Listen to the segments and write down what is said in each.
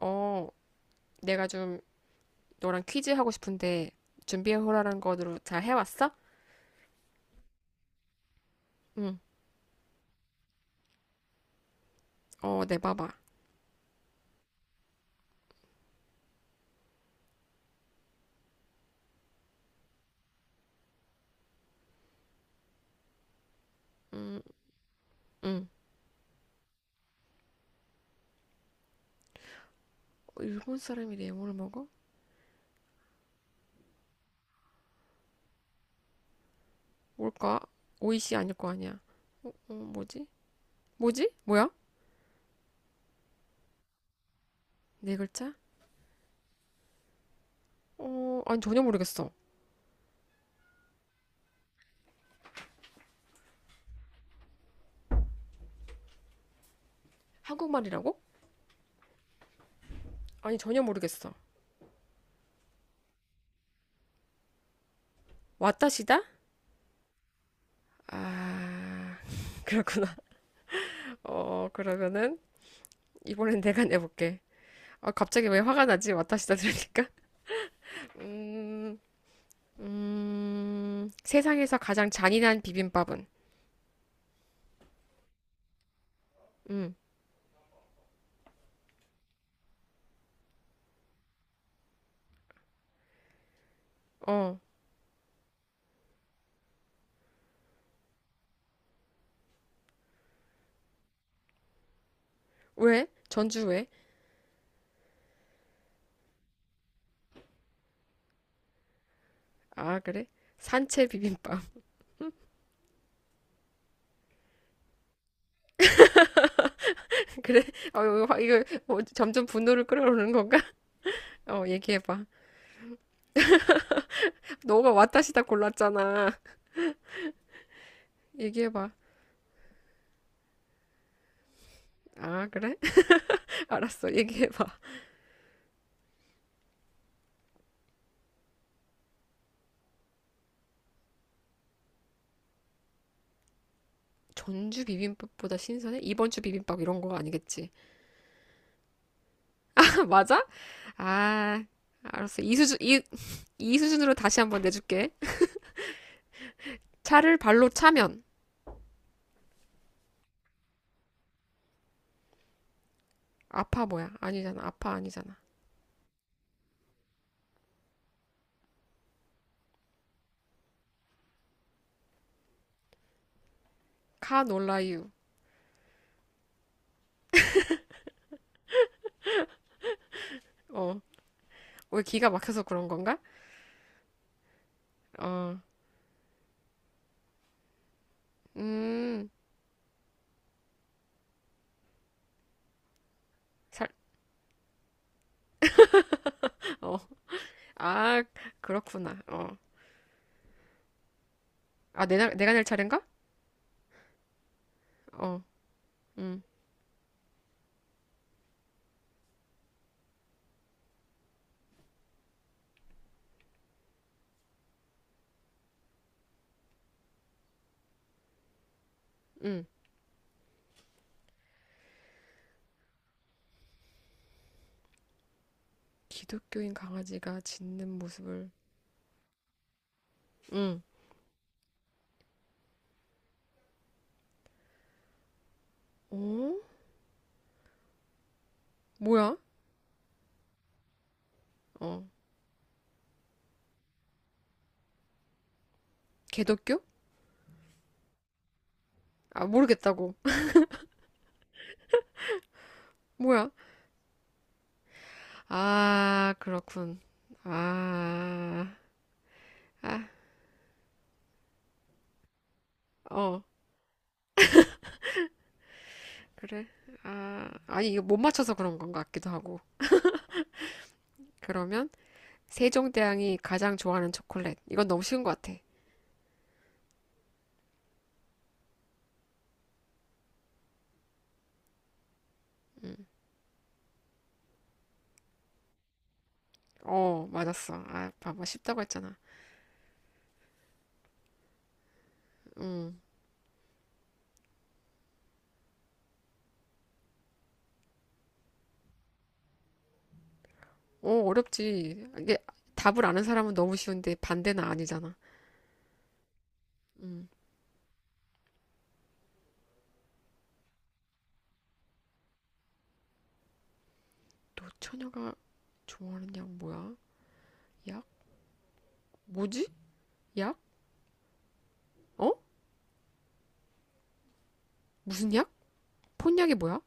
어, 내가 좀 너랑 퀴즈 하고 싶은데 준비해오라는 거로 잘 해왔어? 응. 어, 내봐봐. 응. 응. 일본 사람이 래모를 먹어? 뭘까? 오이시 아닐 거 아니야. 어, 뭐지? 뭐야? 네 글자? 어, 아니 전혀 모르겠어. 한국말이라고? 아니 전혀 모르겠어. 왔다시다? 아, 그렇구나. 어, 그러면은 이번엔 내가 내볼게. 아, 갑자기 왜 화가 나지? 왔다시다 들으니까. 음, 세상에서 가장 잔인한 비빔밥은? 음. 어, 왜? 전주 왜? 아, 그래? 산채 비빔밥. 그래? 어, 이거 뭐 점점 분노를 끌어오는 건가? 어, 얘기해봐. 너가 왔다시다 골랐잖아. 얘기해봐. 아, 그래? 알았어. 얘기해봐. 전주 비빔밥보다 신선해? 이번 주 비빔밥 이런 거 아니겠지? 맞아? 아, 알았어. 이 수준, 이, 이 수준으로 다시 한번 내줄게. 차를 발로 차면 아파 뭐야? 아니잖아. 아파 아니잖아. 카놀라유. 어, 왜 기가 막혀서 그런 건가? 어, 음, 살, 어, 아, 그렇구나. 어, 아, 내, 가 내가 낼 차례인가? 어, 음. 음. 기독교인 강아지가 짖는 모습을, 음, 어? 뭐야? 어, 개독교? 아, 모르겠다고. 뭐야? 아, 그렇군. 아, 아, 어, 그래. 아, 아니, 이거 못 맞춰서 그런 건가 같기도 하고. 그러면, 세종대왕이 가장 좋아하는 초콜릿. 이건 너무 쉬운 것 같아. 어, 맞았어. 아, 봐봐. 쉽다고 했잖아. 음. 어, 어렵지. 이게 답을 아는 사람은 너무 쉬운데 반대는 아니잖아. 노처녀가 좋아하는 약 뭐야? 약? 뭐지? 약? 어? 무슨 약? 폰약이 뭐야?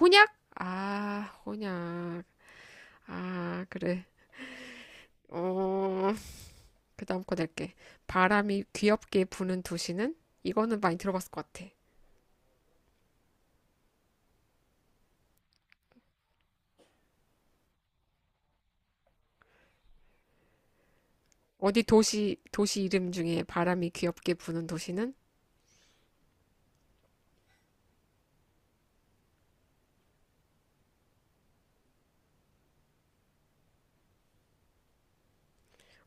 혼약? 아, 혼약. 아, 그래. 어, 그 다음 거 낼게. 바람이 귀엽게 부는 도시는? 이거는 많이 들어봤을 것 같아. 어디 도시, 도시 이름 중에 바람이 귀엽게 부는 도시는?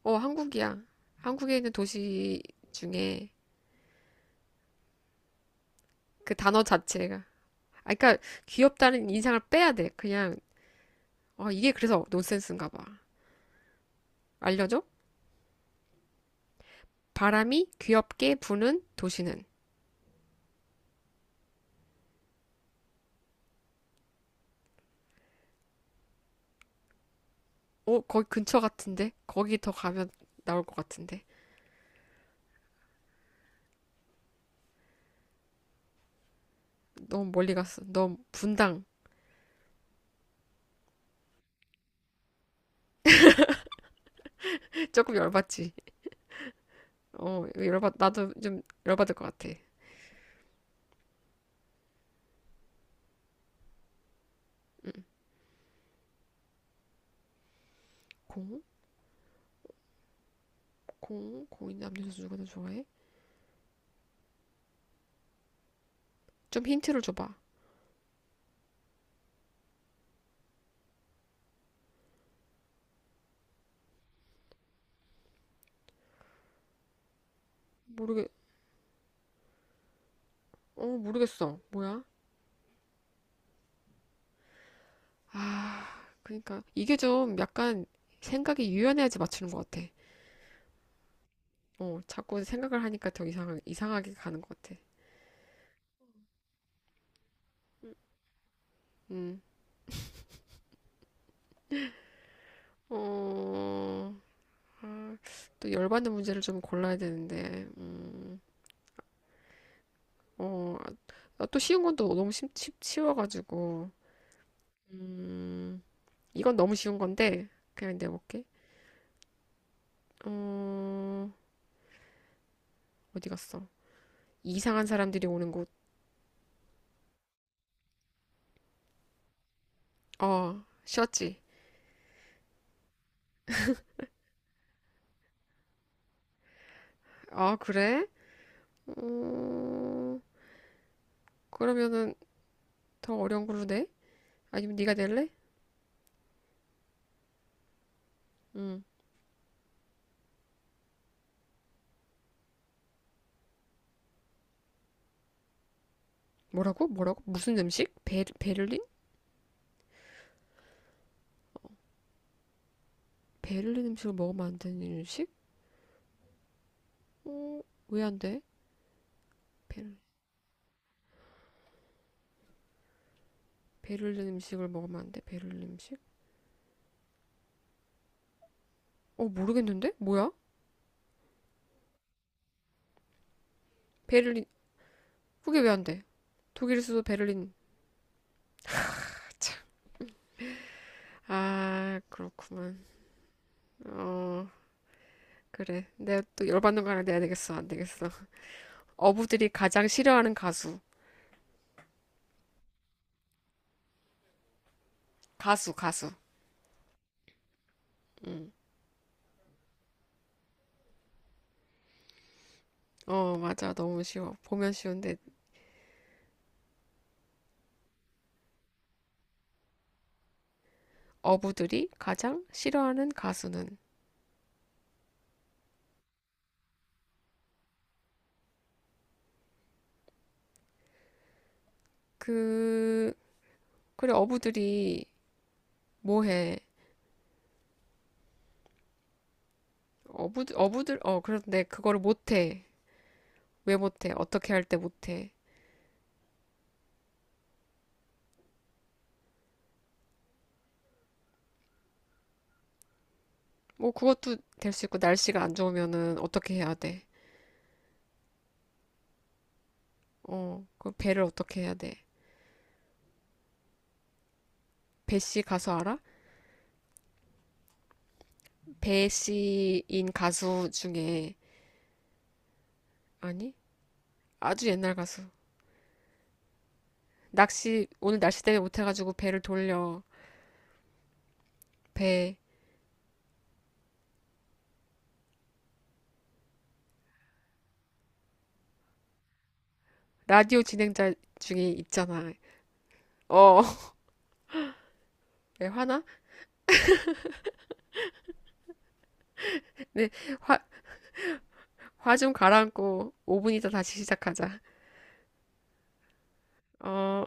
어, 한국이야. 한국에 있는 도시 중에 그 단어 자체가. 아, 그러니까 귀엽다는 인상을 빼야 돼. 그냥, 어, 이게 그래서 논센스인가 봐. 알려줘? 바람이 귀엽게 부는 도시는? 어, 거기 근처 같은데? 거기 더 가면 나올 것 같은데? 너무 멀리 갔어. 너무 분당. 조금 열받지? 어, 열받, 나도 좀 열받을 것 같아. 공? 공? 공인 남녀 선수 누가 더 좋아해? 좀 힌트를 줘봐. 모르겠, 어, 모르겠어. 뭐야? 아, 그러니까 이게 좀 약간 생각이 유연해야지 맞추는 것 같아. 어, 자꾸 생각을 하니까 더 이상하게 가는 것 같아. 음, 어, 아, 또 열받는 문제를 좀 골라야 되는데, 어, 아, 또 쉬운 건 또 너무 쉬워가지고, 음, 이건 너무 쉬운 건데, 그냥 내볼게. 어, 어디 갔어? 이상한 사람들이 오는 곳. 어, 쉬었지? 아, 그래? 어, 그러면은 더 어려운 걸로 내? 아니면 네가 낼래? 음. 뭐라고? 뭐라고? 무슨 음식? 베를린? 베를린 음식을 먹으면 안 되는 음식? 어, 왜 안 돼? 베를린. 베를린 음식을 먹으면 안 돼? 베를린 음식? 어, 모르겠는데? 뭐야? 베를린. 그게 왜 안 돼? 독일 수도 베를린. 아, 그렇구만. 어, 그래. 내가 또 열받는 거 하나 내야 되겠어. 안 되겠어. 어부들이 가장 싫어하는 가수. 가수, 가수. 어, 맞아. 너무 쉬워. 보면 쉬운데 어부들이 가장 싫어하는 가수는 그 그래 어부들이 뭐해. 어부 어부들 어 그런데 그거를 못해. 왜 못해? 어떻게 할 때 못해? 뭐 그것도 될 수 있고 날씨가 안 좋으면은 어떻게 해야 돼어그 배를 어떻게 해야 돼? 배씨 가수 알아? 배씨인 가수 중에. 아니, 아주 옛날 가수. 낚시 오늘 날씨 때문에 못해가지고 배를 돌려. 배. 라디오 진행자 중에 있잖아. 어. 왜 화나? 네, 화, 화 좀 가라앉고 5분 있다 다시 시작하자. 어,